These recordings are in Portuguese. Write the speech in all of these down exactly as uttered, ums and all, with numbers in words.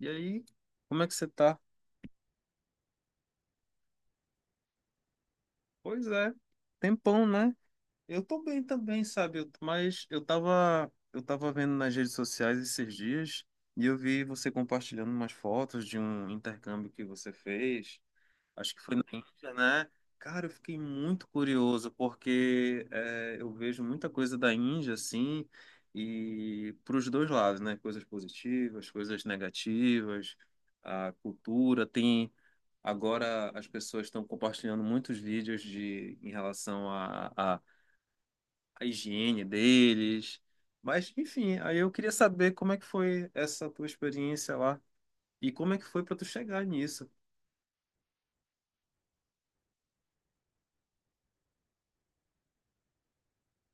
E aí, como é que você tá? Pois é, tempão, né? Eu tô bem também, sabe? Eu- Mas eu tava, eu tava vendo nas redes sociais esses dias e eu vi você compartilhando umas fotos de um intercâmbio que você fez. Acho que foi na Índia, né? Cara, eu fiquei muito curioso porque é, eu vejo muita coisa da Índia, assim, e pros dois lados, né? Coisas positivas, coisas negativas, a cultura tem. Agora as pessoas estão compartilhando muitos vídeos de, em relação à à- à higiene deles. Mas, enfim, aí eu queria saber como é que foi essa tua experiência lá e como é que foi para tu chegar nisso.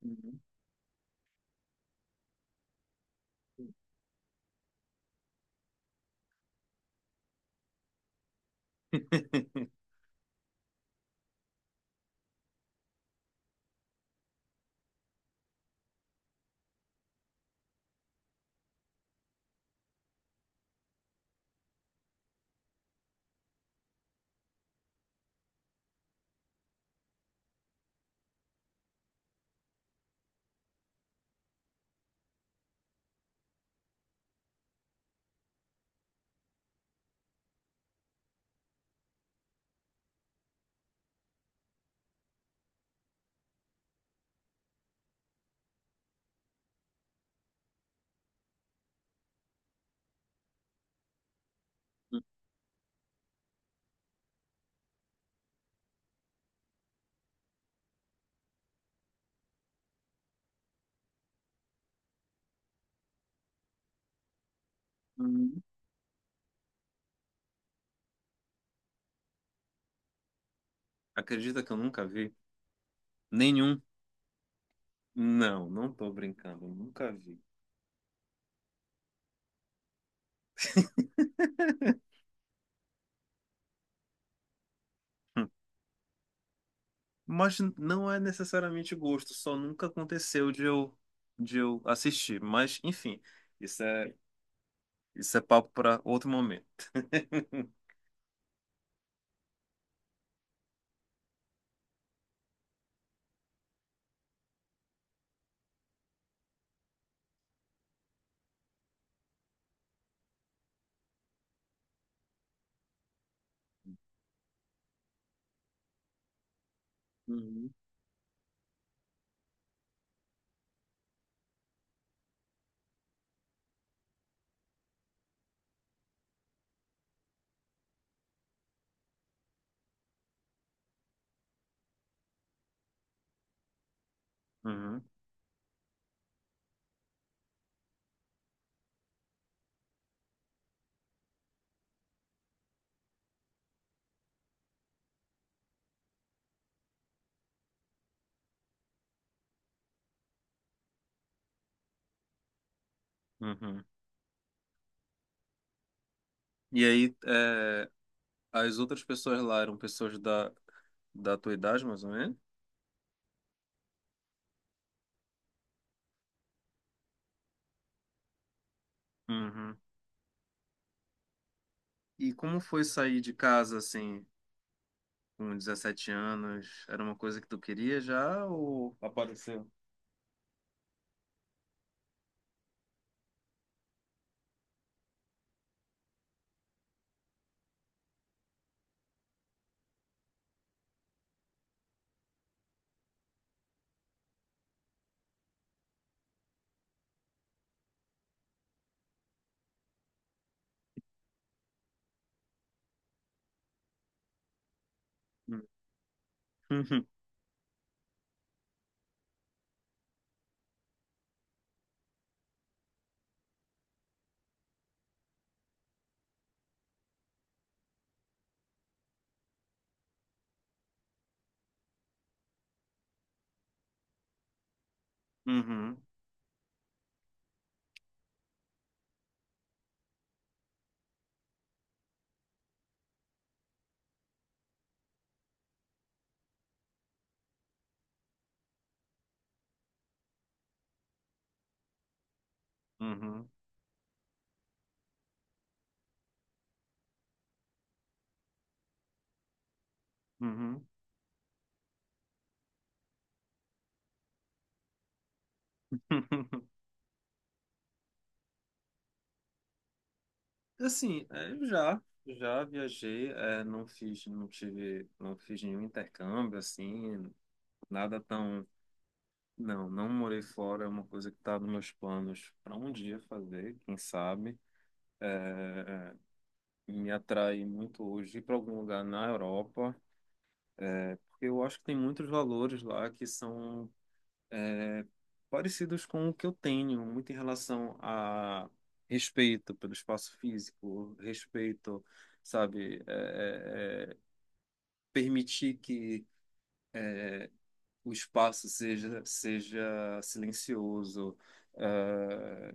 Uhum. Uhum. Acredita que eu nunca vi? Nenhum. Não, não tô brincando, eu nunca vi. Hum. Mas não é necessariamente gosto, só nunca aconteceu de eu, de eu assistir. Mas, enfim, isso é isso é papo para outro momento. Uhum. Uhum, uhum. E aí, é, as outras pessoas lá eram pessoas da, da tua idade, mais ou menos? Uhum. E como foi sair de casa, assim, com dezessete anos? Era uma coisa que tu queria já ou apareceu? Uhum, uhum, uhum, uhum. Assim, é, eu já, já viajei, é, não fiz, não tive, não fiz nenhum intercâmbio, assim, nada tão. Não, não morei fora, é uma coisa que está nos meus planos para um dia fazer, quem sabe. Me atrai muito hoje ir para algum lugar na Europa, é, porque eu acho que tem muitos valores lá que são é, parecidos com o que eu tenho, muito em relação a respeito pelo espaço físico, respeito, sabe, é, é, é, permitir que o espaço seja, seja silencioso é,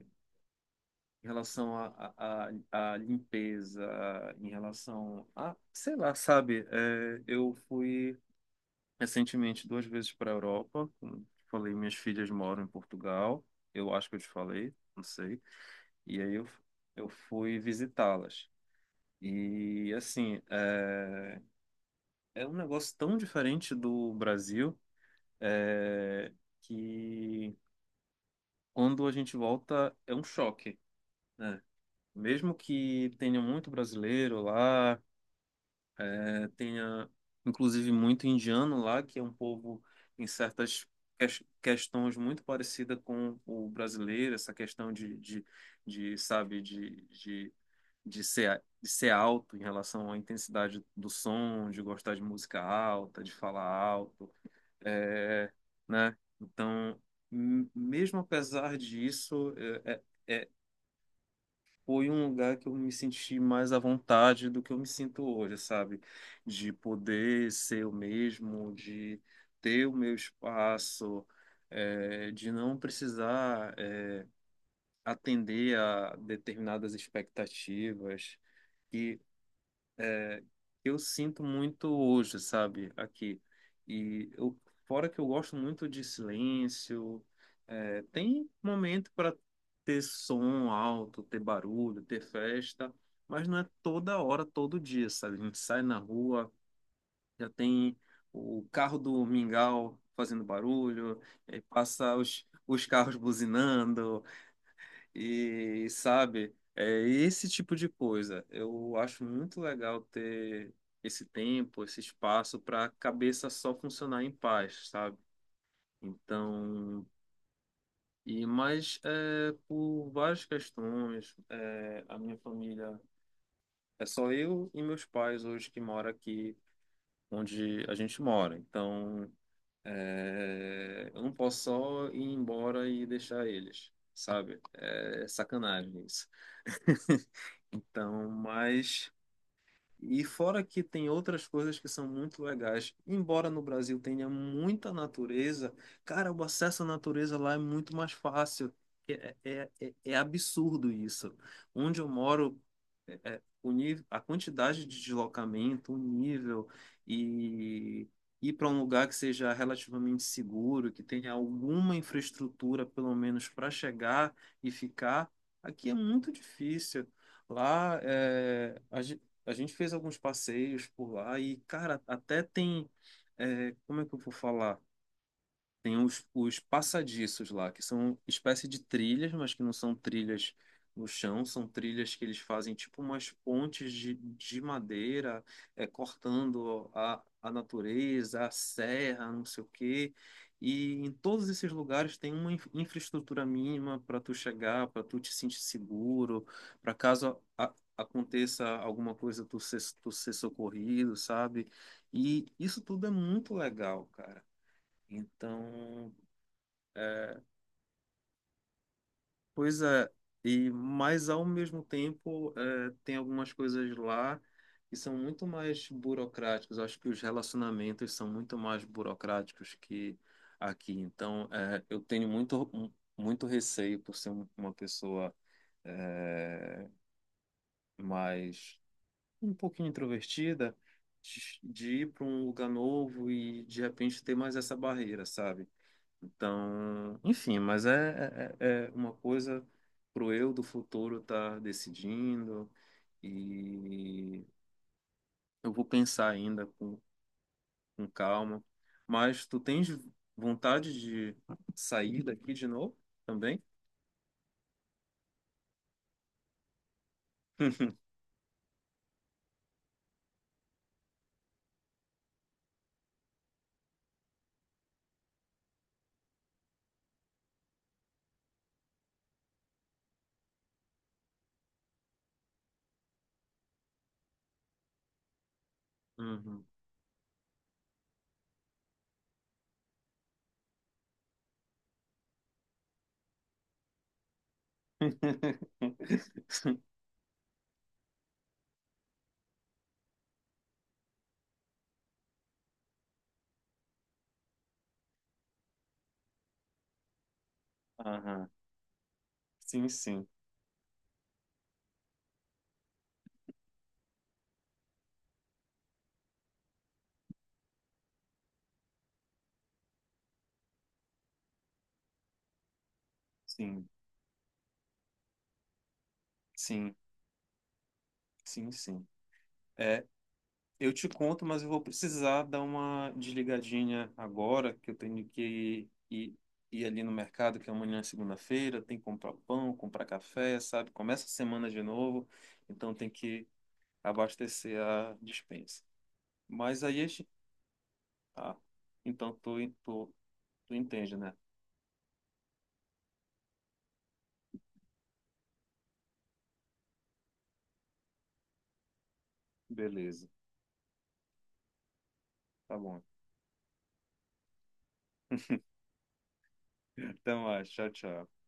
em relação à à- à- à limpeza, em relação a, sei lá, sabe? É, eu fui recentemente duas vezes para a Europa, como falei, minhas filhas moram em Portugal, eu acho que eu te falei, não sei, e aí eu, eu fui visitá-las. E assim, é, é um negócio tão diferente do Brasil, é, que quando a gente volta é um choque, né? Mesmo que tenha muito brasileiro lá, eh, tenha inclusive muito indiano lá, que é um povo em certas ques- questões muito parecida com o brasileiro, essa questão de, de, de sabe, de, de, de ser, a- de ser alto em relação à intensidade do som, de gostar de música alta, de falar alto, é, né? Então, m- mesmo apesar disso, eh, é, é, foi um lugar que eu me senti mais à vontade do que eu me sinto hoje, sabe? De poder ser eu mesmo, de ter o meu espaço, eh, de não precisar, eh, atender a determinadas expectativas. E eu sinto muito hoje, sabe, aqui. E eu, Fora que eu gosto muito de silêncio, é, tem momento para ter som alto, ter barulho, ter festa, mas não é toda hora, todo dia, sabe? A gente sai na rua, já tem o carro do mingau fazendo barulho, eh, passa os, os carros buzinando, e, sabe, é esse tipo de coisa. Eu acho muito legal ter esse tempo, esse espaço para a cabeça só funcionar em paz, sabe? Então, e mas é, por várias questões, é, a minha família é só eu e meus pais hoje que mora aqui onde a gente mora. Então, é, eu não posso só ir embora e deixar eles, sabe? É sacanagem isso. Então, mas. E fora que tem outras coisas que são muito legais. Embora no Brasil tenha muita natureza, cara, o acesso à natureza lá é muito mais fácil. É, é, é, é absurdo isso. Onde eu moro, é, é, o nível, a quantidade de deslocamento, o nível e ir para um lugar que seja relativamente seguro, que tenha alguma infraestrutura, pelo menos para chegar e ficar, aqui é muito difícil. Lá, é, a gen- a gente fez alguns passeios por lá e, cara, até tem. É, como é que eu vou falar? Tem os, os passadiços lá, que são espécie de trilhas, mas que não são trilhas no chão, são trilhas que eles fazem tipo umas pontes de, de madeira, é, cortando a, a natureza, a serra, não sei o quê. E em todos esses lugares tem uma inf- infraestrutura mínima para tu chegar, para tu te sentir seguro, para caso a- aconteça alguma coisa, tu ser, tu ser socorrido, sabe? E isso tudo é muito legal, cara. Então, é, pois é, e mas ao mesmo tempo eh, tem algumas coisas lá que são muito mais burocráticas. Eu acho que os relacionamentos são muito mais burocráticos que aqui. Então eh, eu tenho muito um, muito receio por ser um- uma pessoa eh, mais um pouquinho introvertida de, de ir para um lugar novo e de repente ter mais essa barreira, sabe? Então, enfim, mas é, é, é é uma coisa pro eu do futuro estar tá decidindo e eu vou pensar ainda com, com calma. Mas tu tens vontade de sair daqui de novo também? Uhum. Aham. Sim, sim, sim, sim, sim, sim. É, eu te conto, mas eu vou precisar dar uma desligadinha agora, que eu tenho que ir, ir ali no mercado, que amanhã é segunda-feira, tem que comprar pão, comprar café, sabe? Começa a semana de novo, então tem que abastecer a despensa. Mas aí, a gente- ah, então tu, tu, tu entende, né? Beleza, tá bom. Então, ah, tchau, tchau.